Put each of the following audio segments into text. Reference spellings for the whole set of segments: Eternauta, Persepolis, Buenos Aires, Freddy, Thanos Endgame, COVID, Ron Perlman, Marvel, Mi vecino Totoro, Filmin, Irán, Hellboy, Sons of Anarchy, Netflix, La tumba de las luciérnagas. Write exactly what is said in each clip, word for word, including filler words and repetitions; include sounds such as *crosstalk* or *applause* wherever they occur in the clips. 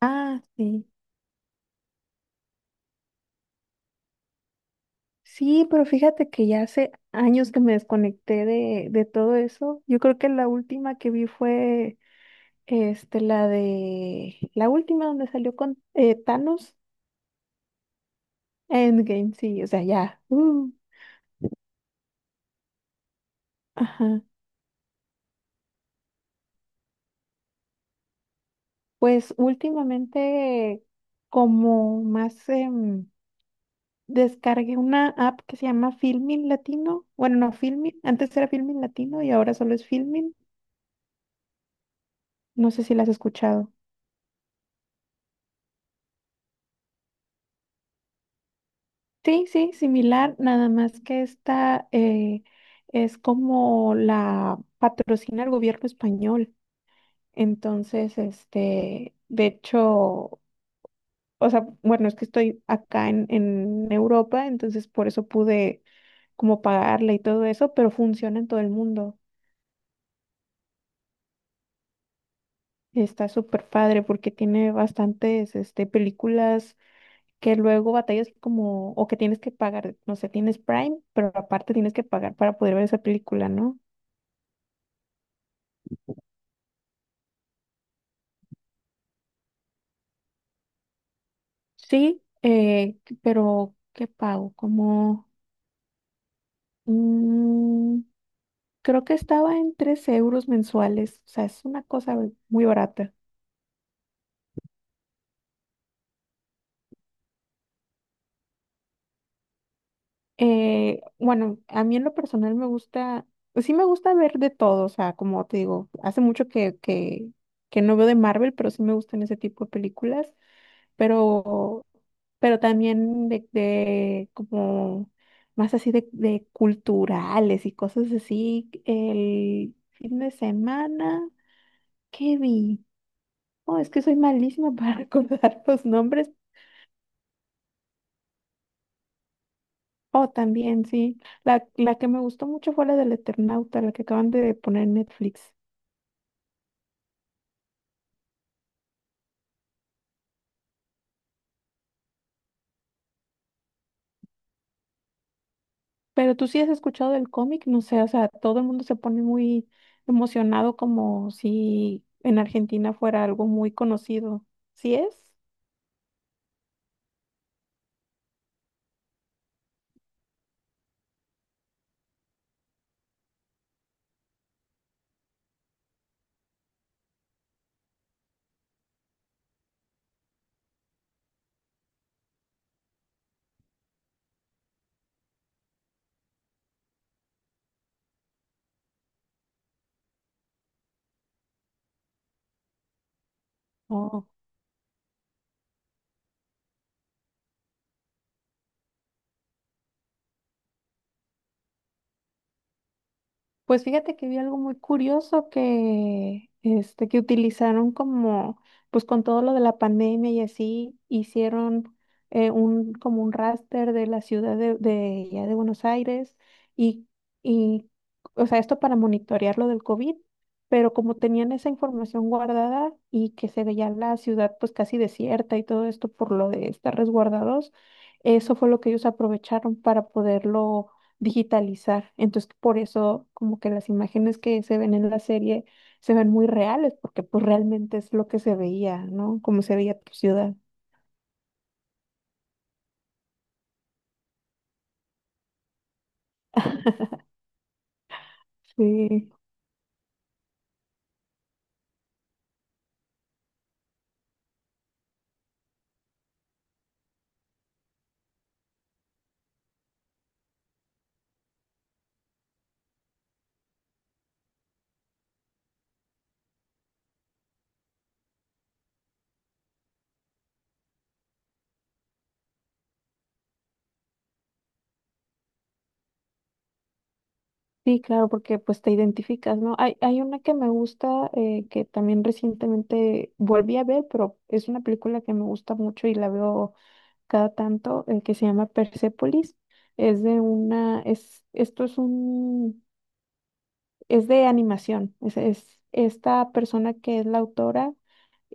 Ah, sí. Sí, pero fíjate que ya hace años que me desconecté de, de todo eso. Yo creo que la última que vi fue este, la de la última donde salió con eh, Thanos. Endgame, sí, o sea, ya. Uh, ajá. Pues últimamente como más em, descargué una app que se llama Filmin Latino. Bueno, no, Filmin, antes era Filmin Latino y ahora solo es Filmin. No sé si la has escuchado. Sí, sí, similar, nada más que esta eh, es como la patrocina el gobierno español. Entonces, este, de hecho, o sea, bueno, es que estoy acá en, en Europa, entonces por eso pude como pagarla y todo eso, pero funciona en todo el mundo. Está súper padre porque tiene bastantes este, películas que luego batallas como, o que tienes que pagar, no sé, tienes Prime, pero aparte tienes que pagar para poder ver esa película, ¿no? Sí, eh, pero ¿qué pago? Como, mm, creo que estaba en tres euros mensuales, o sea, es una cosa muy barata. Eh, bueno, a mí en lo personal me gusta, pues sí me gusta ver de todo, o sea, como te digo, hace mucho que, que, que no veo de Marvel, pero sí me gustan ese tipo de películas. pero, pero también de, de como más así de, de culturales y cosas así. El fin de semana, ¿qué vi? Oh, es que soy malísima para *laughs* recordar los nombres. Oh, también, sí. La, la que me gustó mucho fue la del Eternauta, la que acaban de poner en Netflix. Pero tú sí has escuchado del cómic, no sé, o sea, todo el mundo se pone muy emocionado como si en Argentina fuera algo muy conocido. ¿Sí es? Oh, pues fíjate que vi algo muy curioso que, este, que utilizaron como, pues con todo lo de la pandemia y así, hicieron eh, un, como un raster de la ciudad de, de, ya de Buenos Aires y, y, o sea, esto para monitorear lo del COVID, pero como tenían esa información guardada y que se veía la ciudad pues casi desierta y todo esto por lo de estar resguardados, eso fue lo que ellos aprovecharon para poderlo digitalizar. Entonces, por eso como que las imágenes que se ven en la serie se ven muy reales, porque pues realmente es lo que se veía, ¿no? Como se veía tu ciudad. Sí, sí, claro, porque pues te identificas, ¿no? Hay, hay una que me gusta, eh, que también recientemente volví a ver, pero es una película que me gusta mucho y la veo cada tanto, eh, que se llama Persepolis. Es de una, es, esto es un es de animación. Es, es- esta persona que es la autora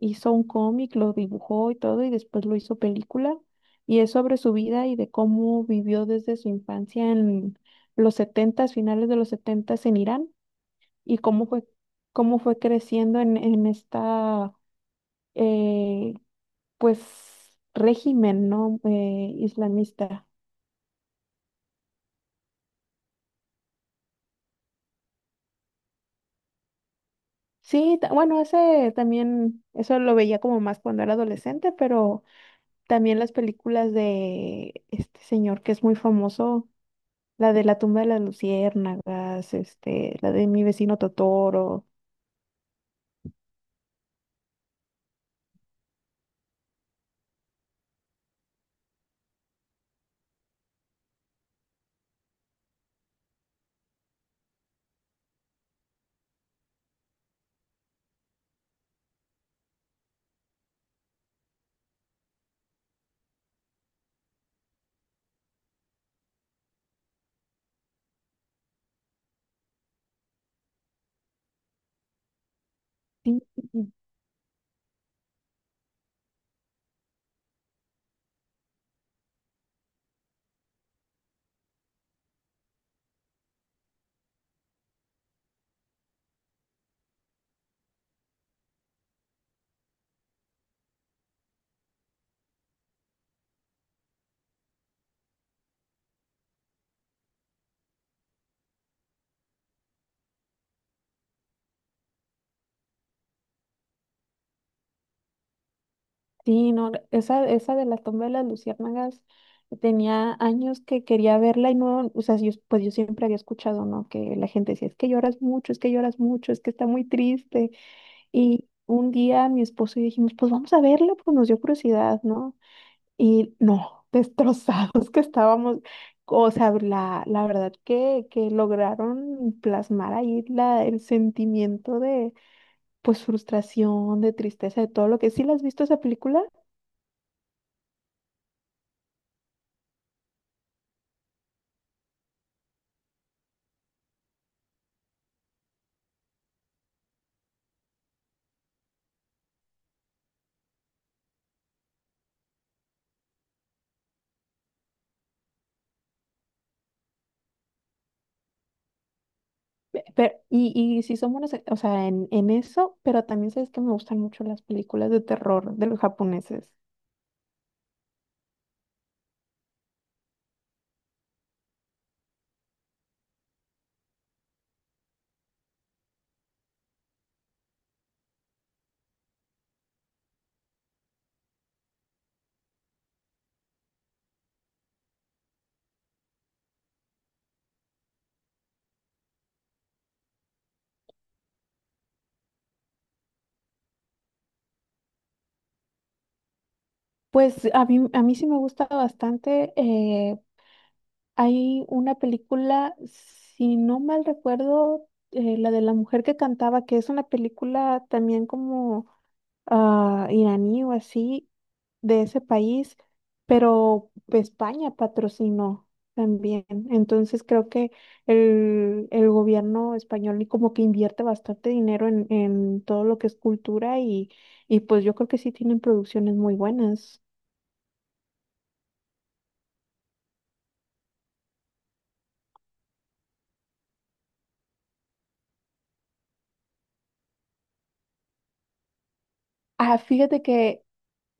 hizo un cómic, lo dibujó y todo, y después lo hizo película. Y es sobre su vida y de cómo vivió desde su infancia en los setentas, finales de los setentas en Irán, y cómo fue, cómo fue creciendo en, en esta eh, pues régimen, ¿no? Eh, islamista. Sí, ta- bueno, ese también, eso lo veía como más cuando era adolescente, pero también las películas de este señor que es muy famoso, la de La tumba de las luciérnagas, este, la de Mi vecino Totoro. Sí, sí, sí, no, esa, esa de La tumba de las luciérnagas tenía años que quería verla y no, o sea, yo, pues yo siempre había escuchado, ¿no? Que la gente decía, es que lloras mucho, es que lloras mucho, es que está muy triste. Y un día mi esposo y yo dijimos, pues vamos a verla, pues nos dio curiosidad, ¿no? Y no, destrozados que estábamos. O sea, la, la verdad que, que lograron plasmar ahí la, el sentimiento de, pues, frustración, de tristeza, de todo lo que... ¿Sí la has visto esa película? Pe- Pero, y, y sí son buenas, o sea, en, en eso, pero también sabes que me gustan mucho las películas de terror de los japoneses. Pues a mí, a mí sí me gusta bastante. eh, Hay una película, si no mal recuerdo, eh, la de la mujer que cantaba, que es una película también como ah, iraní o así, de ese país, pero España patrocinó también. Entonces creo que el, el gobierno español y como que invierte bastante dinero en, en todo lo que es cultura y, y pues yo creo que sí tienen producciones muy buenas. Ah, fíjate que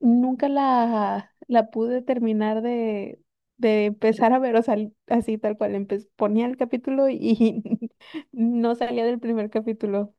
nunca la, la pude terminar de, de empezar a ver, o sea, así tal cual. Empe- ponía el capítulo y *laughs* no salía del primer capítulo.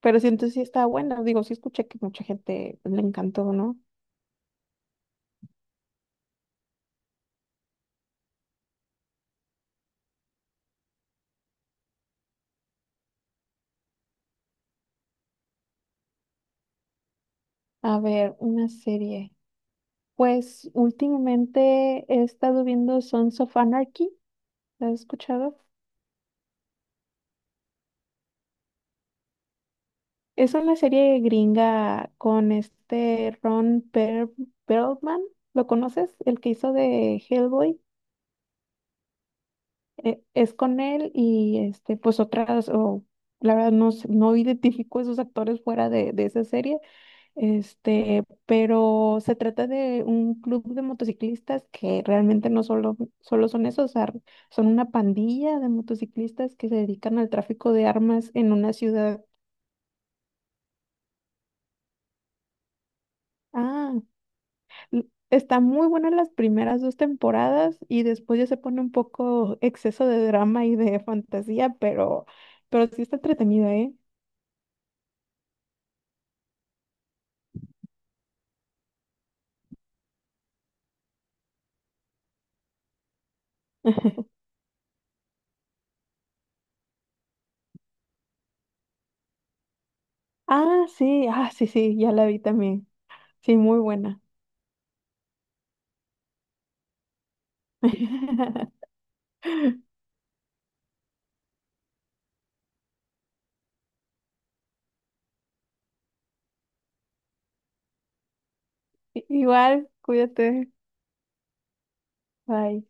Pero siento sí está buena. Digo, sí escuché que mucha gente le encantó, ¿no? A ver, una serie. Pues últimamente he estado viendo Sons of Anarchy. ¿La has escuchado? Es una serie gringa con este Ron Per- Perlman. ¿Lo conoces? El que hizo de Hellboy. E- es con él y este, pues otras, o la verdad no, sé- no identifico esos actores fuera de, de esa serie, este, pero se trata de un club de motociclistas que realmente no solo, solo son esos, o sea, son una pandilla de motociclistas que se dedican al tráfico de armas en una ciudad. Ah, l- está muy buena las primeras dos temporadas y después ya se pone un poco exceso de drama y de fantasía, pero, pero sí está entretenida, ¿eh? Ah, sí, ah, sí, sí, ya la vi también. Sí, muy buena. *laughs* Igual, cuídate. Bye.